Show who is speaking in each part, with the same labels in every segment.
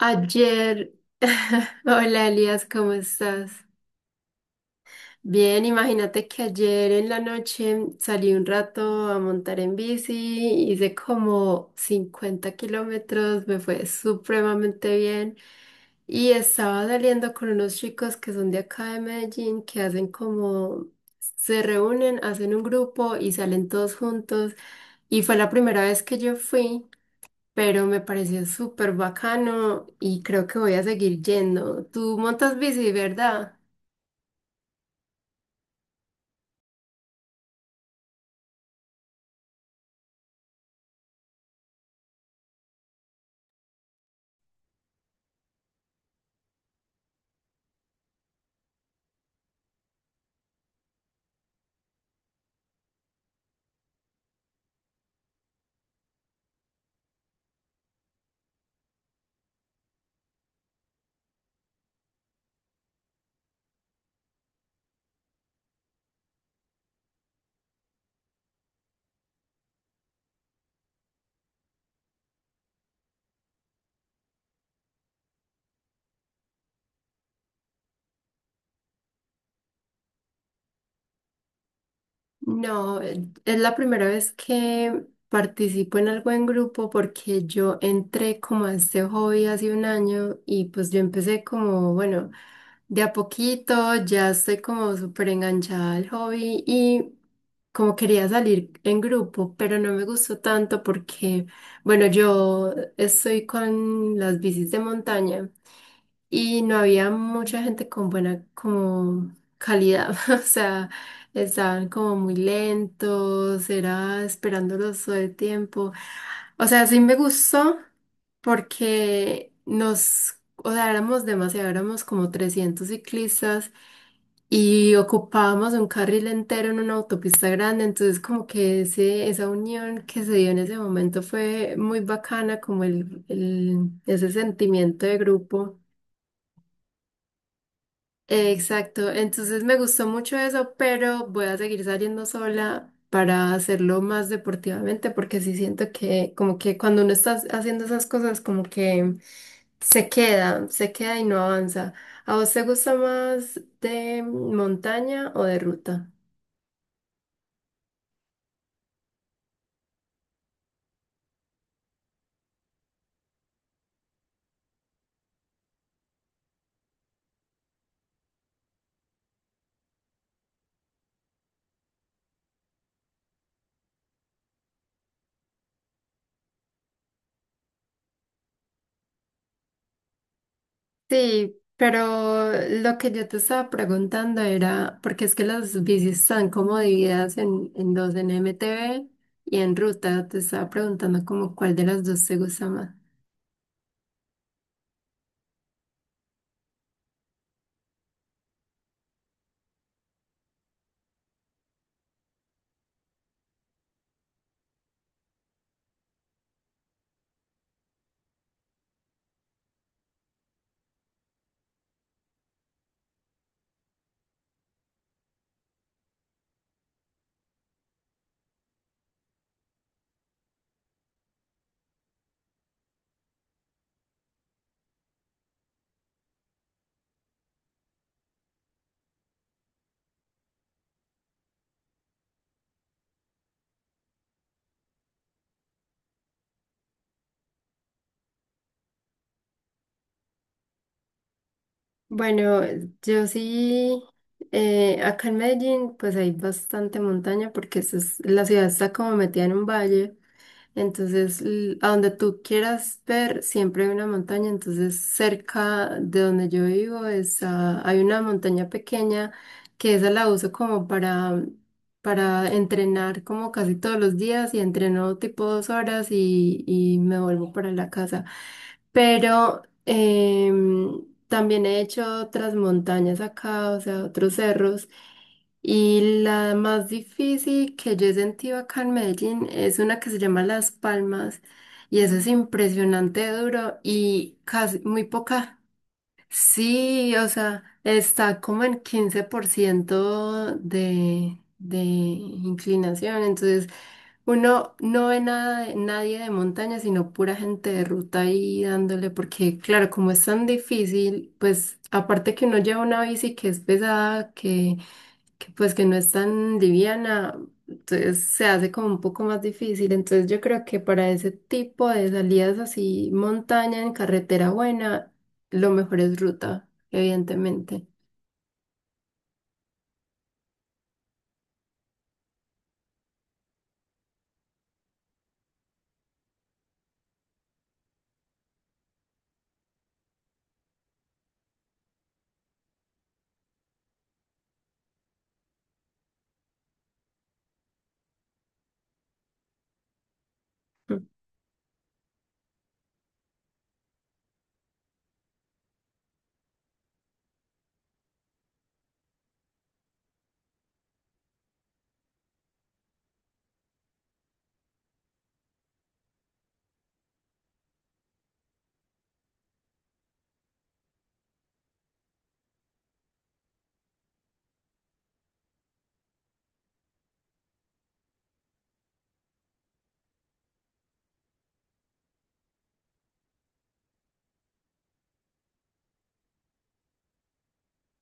Speaker 1: Ayer, hola Elias, ¿cómo estás? Bien, imagínate que ayer en la noche salí un rato a montar en bici, hice como 50 km, me fue supremamente bien y estaba saliendo con unos chicos que son de acá de Medellín, que hacen como, se reúnen, hacen un grupo y salen todos juntos y fue la primera vez que yo fui, pero me pareció súper bacano y creo que voy a seguir yendo. Tú montas bici, ¿verdad? No, es la primera vez que participo en algo en grupo, porque yo entré como a este hobby hace un año y pues yo empecé como, bueno, de a poquito, ya estoy como súper enganchada al hobby y como quería salir en grupo, pero no me gustó tanto porque, bueno, yo estoy con las bicis de montaña. Y no había mucha gente con buena como calidad, o sea, estaban como muy lentos, era esperándolos todo el tiempo. O sea, sí me gustó porque nos, o sea, éramos demasiado, éramos como 300 ciclistas y ocupábamos un carril entero en una autopista grande, entonces como que ese, esa unión que se dio en ese momento fue muy bacana, como ese sentimiento de grupo. Exacto, entonces me gustó mucho eso, pero voy a seguir saliendo sola para hacerlo más deportivamente, porque sí siento que como que cuando uno está haciendo esas cosas como que se queda y no avanza. ¿A vos te gusta más de montaña o de ruta? Sí, pero lo que yo te estaba preguntando era, porque es que las bicis están como divididas en dos, en MTB y en ruta, te estaba preguntando como cuál de las dos te gusta más. Bueno, yo sí, acá en Medellín pues hay bastante montaña porque la ciudad está como metida en un valle. Entonces, a donde tú quieras ver, siempre hay una montaña. Entonces, cerca de donde yo vivo es, hay una montaña pequeña que esa la uso como para entrenar como casi todos los días y entreno tipo 2 horas y me vuelvo para la casa. Pero también he hecho otras montañas acá, o sea, otros cerros. Y la más difícil que yo he sentido acá en Medellín es una que se llama Las Palmas y eso es impresionante duro y casi muy poca. Sí, o sea, está como en 15% de inclinación, entonces uno no ve nada, nadie de montaña, sino pura gente de ruta ahí dándole, porque claro, como es tan difícil, pues aparte que uno lleva una bici que es pesada, que pues que no es tan liviana, entonces se hace como un poco más difícil. Entonces yo creo que para ese tipo de salidas así, montaña en carretera buena, lo mejor es ruta, evidentemente.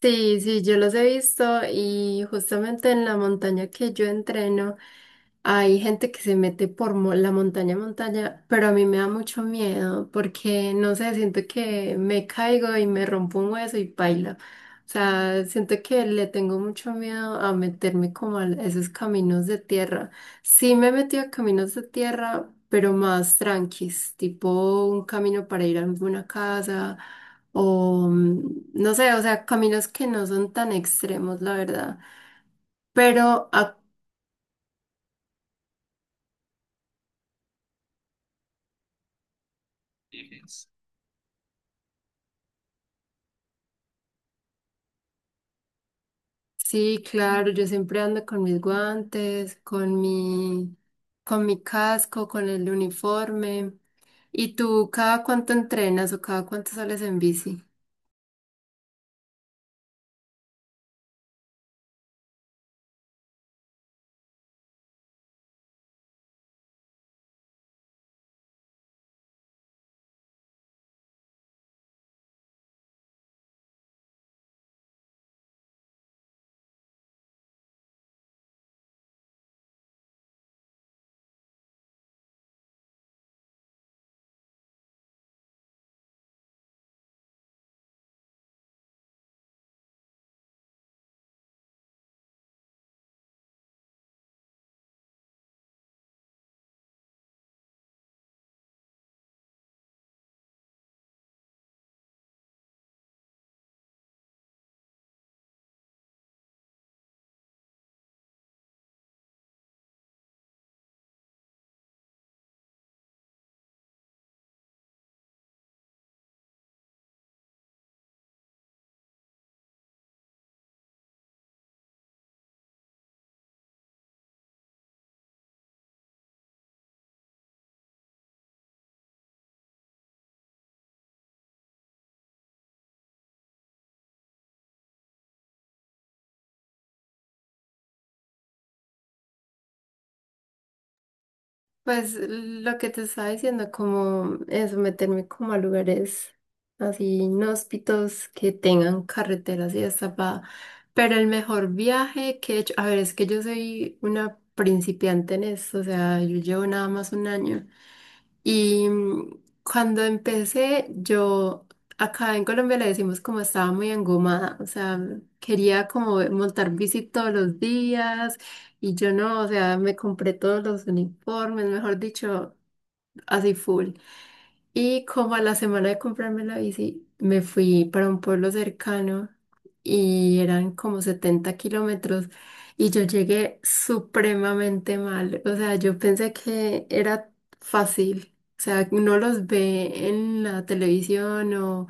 Speaker 1: Sí, sí, yo los he visto y justamente en la montaña que yo entreno hay gente que se mete por la montaña a montaña, pero a mí me da mucho miedo porque no sé, siento que me caigo y me rompo un hueso y paila. O sea, siento que le tengo mucho miedo a meterme como a esos caminos de tierra. Sí me he metido a caminos de tierra, pero más tranquis, tipo un camino para ir a alguna casa o no sé, o sea, caminos que no son tan extremos, la verdad. Pero sí, claro, yo siempre ando con mis guantes, con mi casco, con el uniforme. ¿Y tú cada cuánto entrenas o cada cuánto sales en bici? Pues lo que te estaba diciendo, como eso, meterme como a lugares así inhóspitos que tengan carreteras y hasta pa. Pero el mejor viaje que he hecho, a ver, es que yo soy una principiante en esto, o sea, yo llevo nada más un año. Y cuando empecé, yo acá en Colombia le decimos como estaba muy engomada, o sea, quería como montar bici todos los días y yo no, o sea, me compré todos los uniformes, mejor dicho, así full. Y como a la semana de comprarme la bici, me fui para un pueblo cercano y eran como 70 km y yo llegué supremamente mal. O sea, yo pensé que era fácil. O sea, uno los ve en la televisión o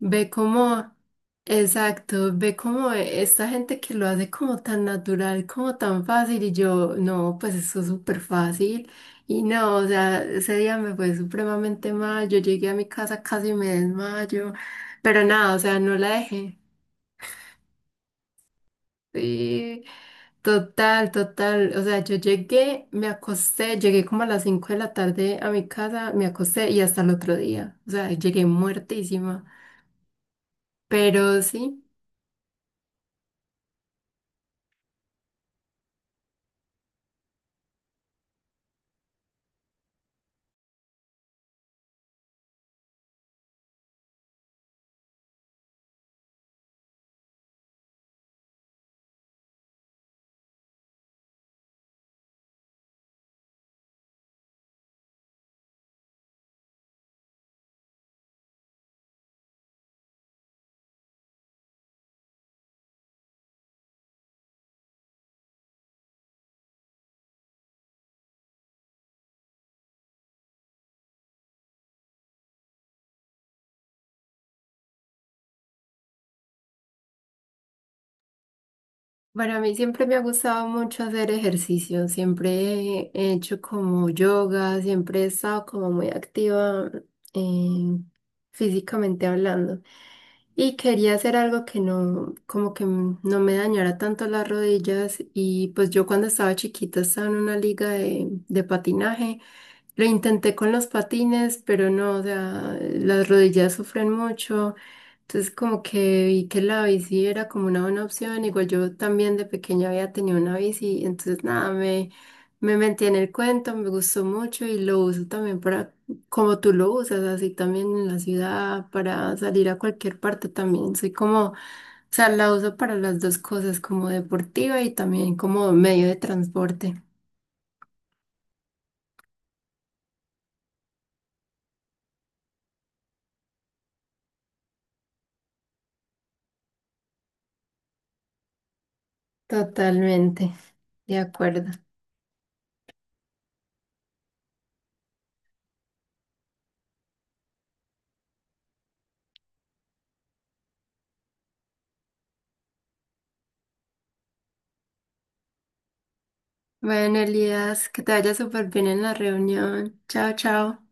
Speaker 1: ve como, exacto, ve como esta gente que lo hace como tan natural, como tan fácil y yo, no, pues eso es súper fácil. Y no, o sea, ese día me fue supremamente mal, yo llegué a mi casa, casi me desmayo, pero nada, o sea, no la dejé. Sí, total, total, o sea, yo llegué, me acosté, llegué como a las 5 de la tarde a mi casa, me acosté y hasta el otro día, o sea, llegué muertísima, pero sí. Para mí siempre me ha gustado mucho hacer ejercicio, siempre he hecho como yoga, siempre he estado como muy activa eh, físicamente hablando. Y quería hacer algo que no, como que no me dañara tanto las rodillas. Y pues yo cuando estaba chiquita estaba en una liga de patinaje. Lo intenté con los patines, pero no, o sea, las rodillas sufren mucho. Entonces como que vi que la bici era como una buena opción, igual yo también de pequeña había tenido una bici, entonces nada, me metí en el cuento, me gustó mucho y lo uso también para, como tú lo usas, así también en la ciudad, para salir a cualquier parte también, soy como, o sea, la uso para las dos cosas, como deportiva y también como medio de transporte. Totalmente, de acuerdo. Bueno, Elías, que te vaya súper bien en la reunión. Chao, chao.